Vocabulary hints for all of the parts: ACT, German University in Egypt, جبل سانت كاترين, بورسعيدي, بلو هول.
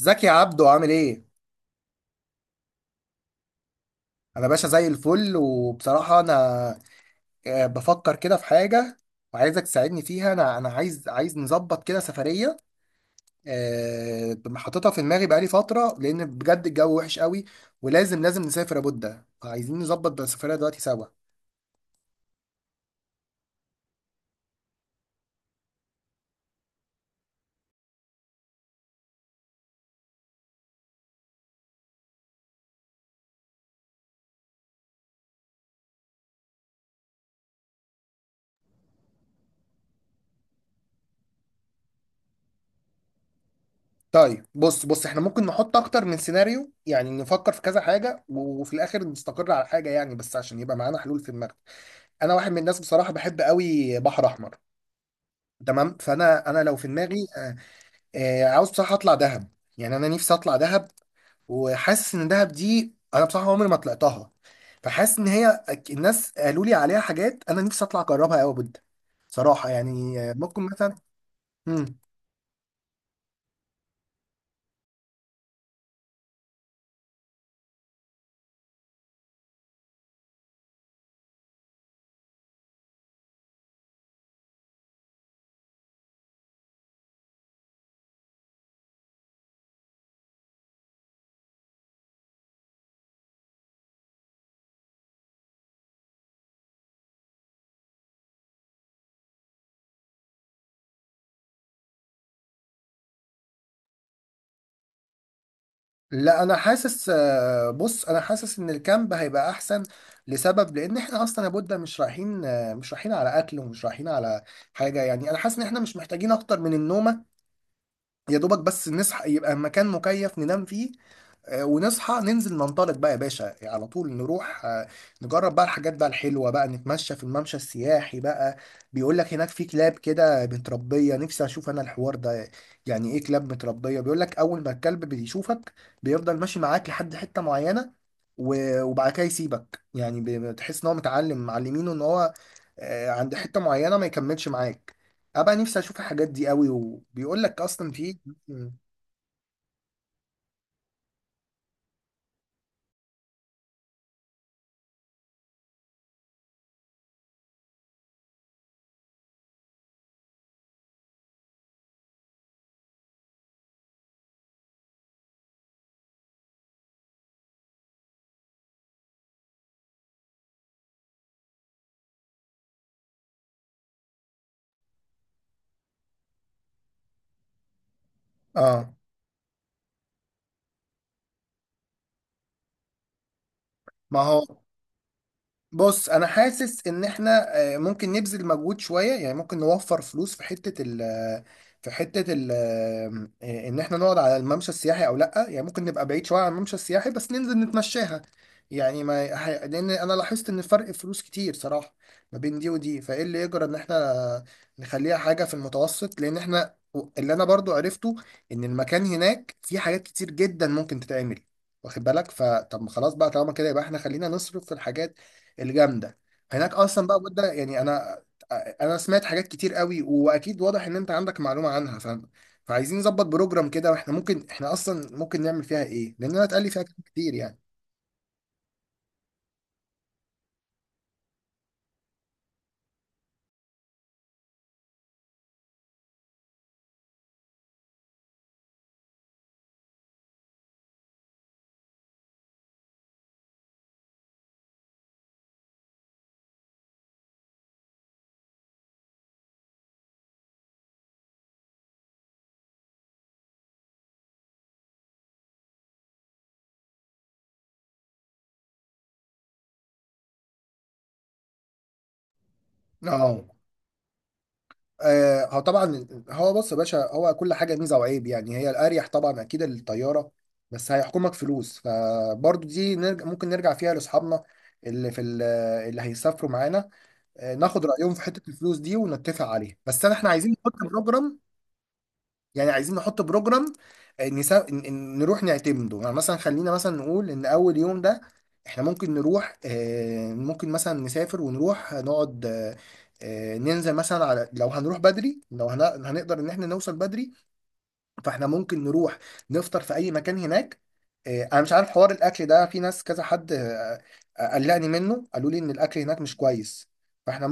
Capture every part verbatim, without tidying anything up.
ازيك يا عبدو؟ عامل ايه؟ انا باشا زي الفل، وبصراحة انا آه، بفكر كده في حاجة وعايزك تساعدني فيها. انا انا عايز عايز نظبط كده سفرية، آه، حاططها في دماغي بقالي فترة، لان بجد الجو وحش قوي، ولازم لازم نسافر لابد. فعايزين نظبط بقى السفرية دلوقتي سوا. طيب بص بص، احنا ممكن نحط اكتر من سيناريو، يعني نفكر في كذا حاجة و- وفي الاخر نستقر على حاجة، يعني بس عشان يبقى معانا حلول في دماغنا. انا واحد من الناس بصراحة بحب قوي بحر احمر. تمام، فانا انا لو في دماغي آه، عاوز بصراحة أطلع دهب. يعني أنا نفسي أطلع دهب، وحاسس إن دهب دي أنا بصراحة عمري ما طلعتها. فحاسس إن هي أك- الناس قالوا لي عليها حاجات، أنا نفسي أطلع أجربها أوي بجد. صراحة يعني آه، ممكن مثلا. مم. لا أنا حاسس آه، بص، أنا حاسس إن الكامب هيبقى أحسن، لسبب، لأن إحنا أصلا يا بودة مش رايحين آه، مش رايحين على أكل، ومش رايحين على حاجة. يعني أنا حاسس إن إحنا مش محتاجين أكتر من النومة، يا دوبك بس نصحى، يبقى مكان مكيف ننام فيه. آه، ونصحى ننزل ننطلق بقى يا باشا، يعني على طول نروح، آه، نجرب بقى الحاجات بقى الحلوة بقى، نتمشى في الممشى السياحي بقى. بيقول لك هناك في كلاب كده متربية، نفسي أشوف أنا الحوار ده. يعني إيه كلاب متربية؟ بيقول لك أول ما الكلب بيشوفك بيفضل ماشي معاك لحد حتة معينة، و- وبعد كده يسيبك. يعني بي- بتحس إن هو متعلم، معلمينه إن هو آه، عند حتة معينة ما يكملش معاك. أبقى نفسي أشوف الحاجات دي قوي. وبيقول لك أصلا في آه. ما هو بص، انا حاسس ان احنا آه، ممكن نبذل مجهود شويه، يعني ممكن نوفر فلوس في حته ال في حته ال آه، ان احنا نقعد على الممشى السياحي او لا. يعني ممكن نبقى بعيد شويه عن الممشى السياحي، بس ننزل نتمشاها. يعني ما ه- لان انا لاحظت ان فرق فلوس كتير صراحه ما بين دي ودي. فايه اللي يجرى ان احنا نخليها حاجه في المتوسط، لان احنا اللي انا برضو عرفته، ان المكان هناك فيه حاجات كتير جدا ممكن تتعمل، واخد بالك؟ فطب ما خلاص بقى، طالما كده يبقى احنا خلينا نصرف في الحاجات الجامده هناك اصلا بقى بودة. يعني انا انا سمعت حاجات كتير قوي، واكيد واضح ان انت عندك معلومه عنها. ف... فعايزين نظبط بروجرام كده، واحنا ممكن، احنا اصلا ممكن نعمل فيها ايه، لان انا اتقال لي فيها كلام كتير يعني. اه. آه، هو طبعا هو بص يا باشا، هو كل حاجه ميزه وعيب. يعني هي الاريح طبعا اكيد الطياره، بس هيحكمك فلوس، فبرضو دي نرجع ممكن نرجع فيها لاصحابنا اللي في ال- اللي هيسافروا معانا، آه، ناخد رايهم في حته الفلوس دي ونتفق عليها. بس انا، احنا عايزين نحط بروجرام. يعني عايزين نحط بروجرام، آه، نسا... ن- ن- نروح نعتمده. يعني مثلا خلينا مثلا نقول ان اول يوم ده احنا ممكن نروح، آه، ممكن مثلا نسافر ونروح نقعد، آه، آه، ننزل مثلا على، لو هنروح بدري لو هن... هنقدر ان احنا نوصل بدري، فاحنا ممكن نروح نفطر في اي مكان هناك. آه، انا مش عارف حوار الاكل ده، في ناس كذا حد آه، آه، قلقني منه، قالوا لي ان الاكل هناك مش كويس. فاحنا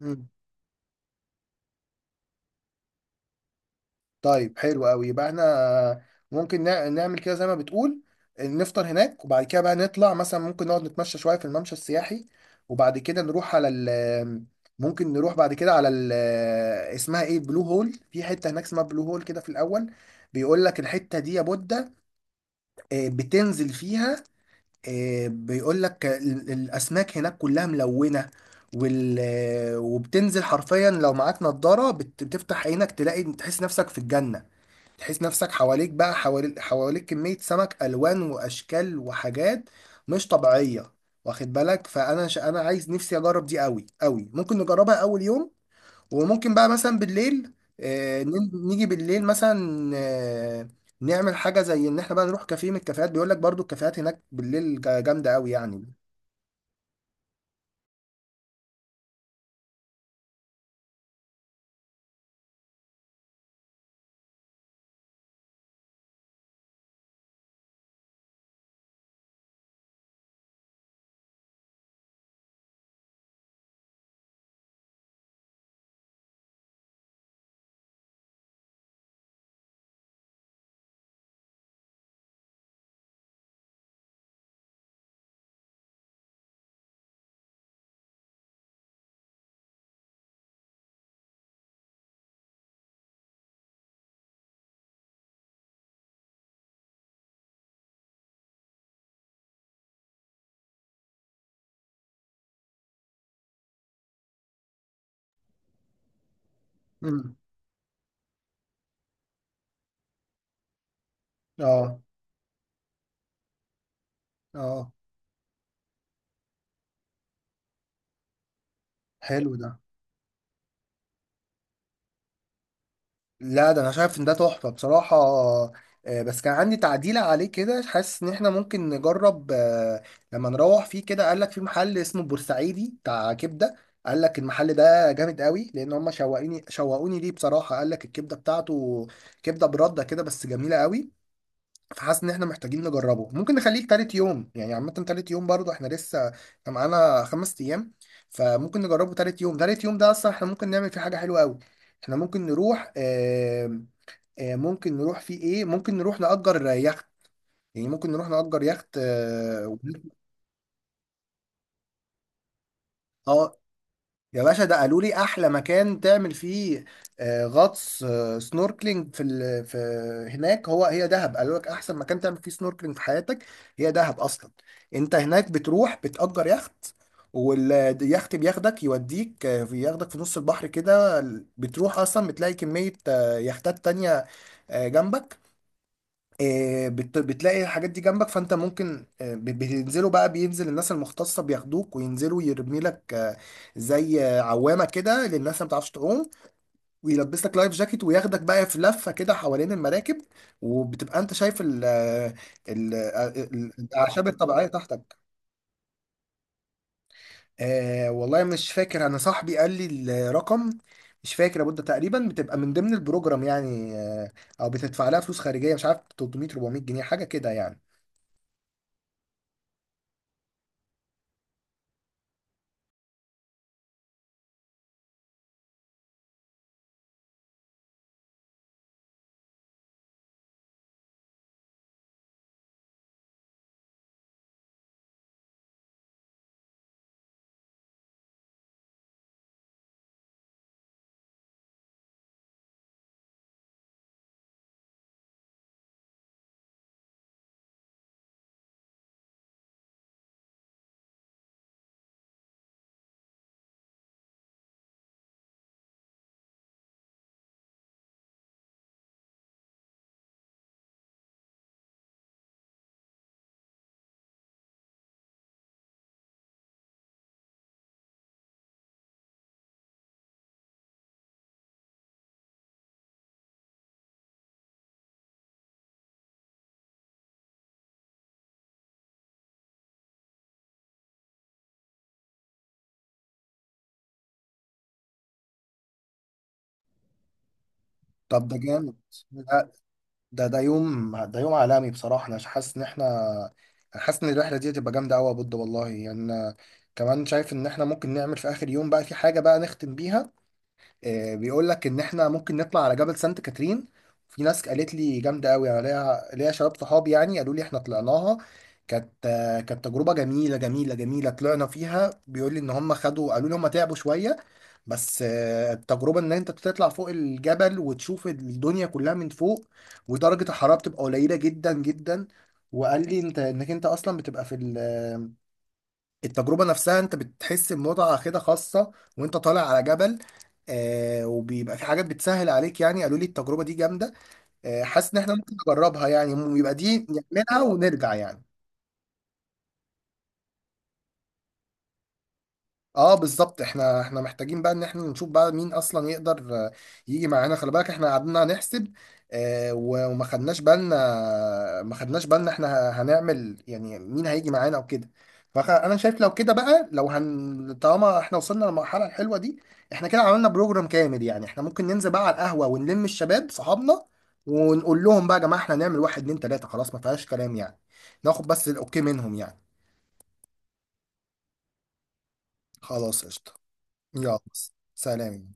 ممكن. طيب حلو قوي، يبقى احنا ممكن نع- نعمل كده زي ما بتقول، نفطر هناك وبعد كده بقى نطلع مثلا، ممكن نقعد نتمشى شوية في الممشى السياحي، وبعد كده نروح على ال، ممكن نروح بعد كده على ال، اسمها ايه، بلو هول. في حتة هناك اسمها بلو هول كده في الأول، بيقول لك الحتة دي يا بودة آه، بتنزل فيها. آه، بيقول لك ال- الأسماك هناك كلها ملونة وال... وبتنزل حرفيا، لو معاك نضارة بت- بتفتح عينك تلاقي، تحس نفسك في الجنة. تحس نفسك حواليك بقى، حوالي حواليك كمية سمك، ألوان وأشكال وحاجات مش طبيعية. واخد بالك؟ فأنا ش... أنا عايز، نفسي أجرب دي أوي أوي، ممكن نجربها أول يوم. وممكن بقى مثلا بالليل آه ن- نيجي بالليل مثلا آه نعمل حاجة زي إن إحنا بقى نروح كافيه من الكافيهات. بيقول لك برضو الكافيهات هناك بالليل جا- جامدة أوي يعني. مم. اه. اه. حلو ده. لا ده انا شايف ان ده تحفه بصراحه. آه، بس كان عندي تعديل عليه كده، حاسس ان احنا ممكن نجرب آه، لما نروح فيه كده. قال لك في محل اسمه بورسعيدي بتاع كبده. قال لك المحل ده جامد قوي، لان هم شوقوني شوقوني ليه بصراحه. قال لك الكبده بتاعته كبده برده كده، بس جميله قوي. فحاسس ان احنا محتاجين نجربه، ممكن نخليه تالت يوم يعني. عامه تالت يوم برضو احنا لسه، إحنا معانا خمس ايام، فممكن نجربه تالت يوم. تالت يوم ده اصلا احنا ممكن نعمل فيه حاجه حلوه قوي، احنا ممكن نروح، آه، ممكن نروح فيه ايه، ممكن نروح نأجر يخت. يعني ممكن نروح نأجر يخت، اه، ون- آه، يا باشا، ده قالوا لي احلى مكان تعمل فيه آه، غطس، آه، سنوركلينج في ال... في هناك. هو هي دهب قالوا لك احسن مكان تعمل فيه سنوركلينج في حياتك هي دهب اصلا. انت هناك بتروح بتأجر يخت، واليخت بياخدك يوديك، آه، بياخدك في نص البحر كده. بتروح اصلا بتلاقي كمية آه، يختات تانية آه، جنبك. آه، بت- بتلاقي الحاجات دي جنبك، فانت ممكن، آه، ب- بتنزلوا بقى، بينزل الناس المختصه بياخدوك وينزلوا، يرمي لك آه، زي آه، عوامه كده للناس اللي ما بتعرفش تعوم، ويلبس لك لايف جاكيت، وياخدك بقى في لفه كده حوالين المراكب، وبتبقى انت شايف ال ال ال- الاعشاب الطبيعيه تحتك. آه والله مش فاكر، انا صاحبي قال لي الرقم، مش فاكر يا بودة. تقريبا بتبقى من ضمن البروجرام يعني، آه، او بتدفع لها فلوس خارجيه، مش عارف، تلتمية، اربعمية جنيه، حاجه كده يعني. طب ده جامد. لا ده، ده يوم ده يوم عالمي بصراحة. أنا حاسس إن إحنا، أنا حاسس إن الرحلة دي هتبقى جامدة أوي يا بود والله. يعني أنا كمان شايف إن إحنا ممكن نعمل في آخر يوم بقى في حاجة بقى نختم بيها. آه، بيقول لك ان احنا ممكن نطلع على جبل سانت كاترين. في ناس قالت لي جامده قوي، انا ليا ليا شباب صحابي يعني قالوا لي احنا طلعناها، كانت آه، كانت تجربه جميله جميله جميله. طلعنا فيها، بيقول لي ان هم خدوا، قالوا لي هم تعبوا شويه، بس آه، التجربه ان انت بتطلع فوق الجبل وتشوف الدنيا كلها من فوق، ودرجه الحراره بتبقى قليله جدا جدا. وقال لي انت، انك انت اصلا بتبقى في ال آه، التجربة نفسها، انت بتحس بمتعة كده خاصة وانت طالع على جبل. آه وبيبقى في حاجات بتسهل عليك، يعني قالوا لي التجربة دي جامدة. آه حاسس ان احنا ممكن نجربها يعني. يبقى دي نعملها ونرجع يعني. اه بالظبط، احنا احنا محتاجين بقى ان احنا نشوف بقى مين اصلا يقدر آه، يجي معانا. خلي بالك احنا قعدنا نحسب، آه، و- وما خدناش بالنا ما خدناش بالنا احنا ه- هنعمل، يعني مين هيجي معانا او كده. فانا شايف لو كده بقى، لو هن، طالما احنا وصلنا للمرحله الحلوه دي، احنا كده عملنا بروجرام كامل. يعني احنا ممكن ننزل بقى على القهوه ونلم الشباب صحابنا، ونقول لهم بقى يا جماعه احنا هنعمل واحد اتنين تلاته، خلاص ما فيهاش كلام يعني، ناخد بس الاوكي منهم يعني. خلاص قشطه. يلا. سلام.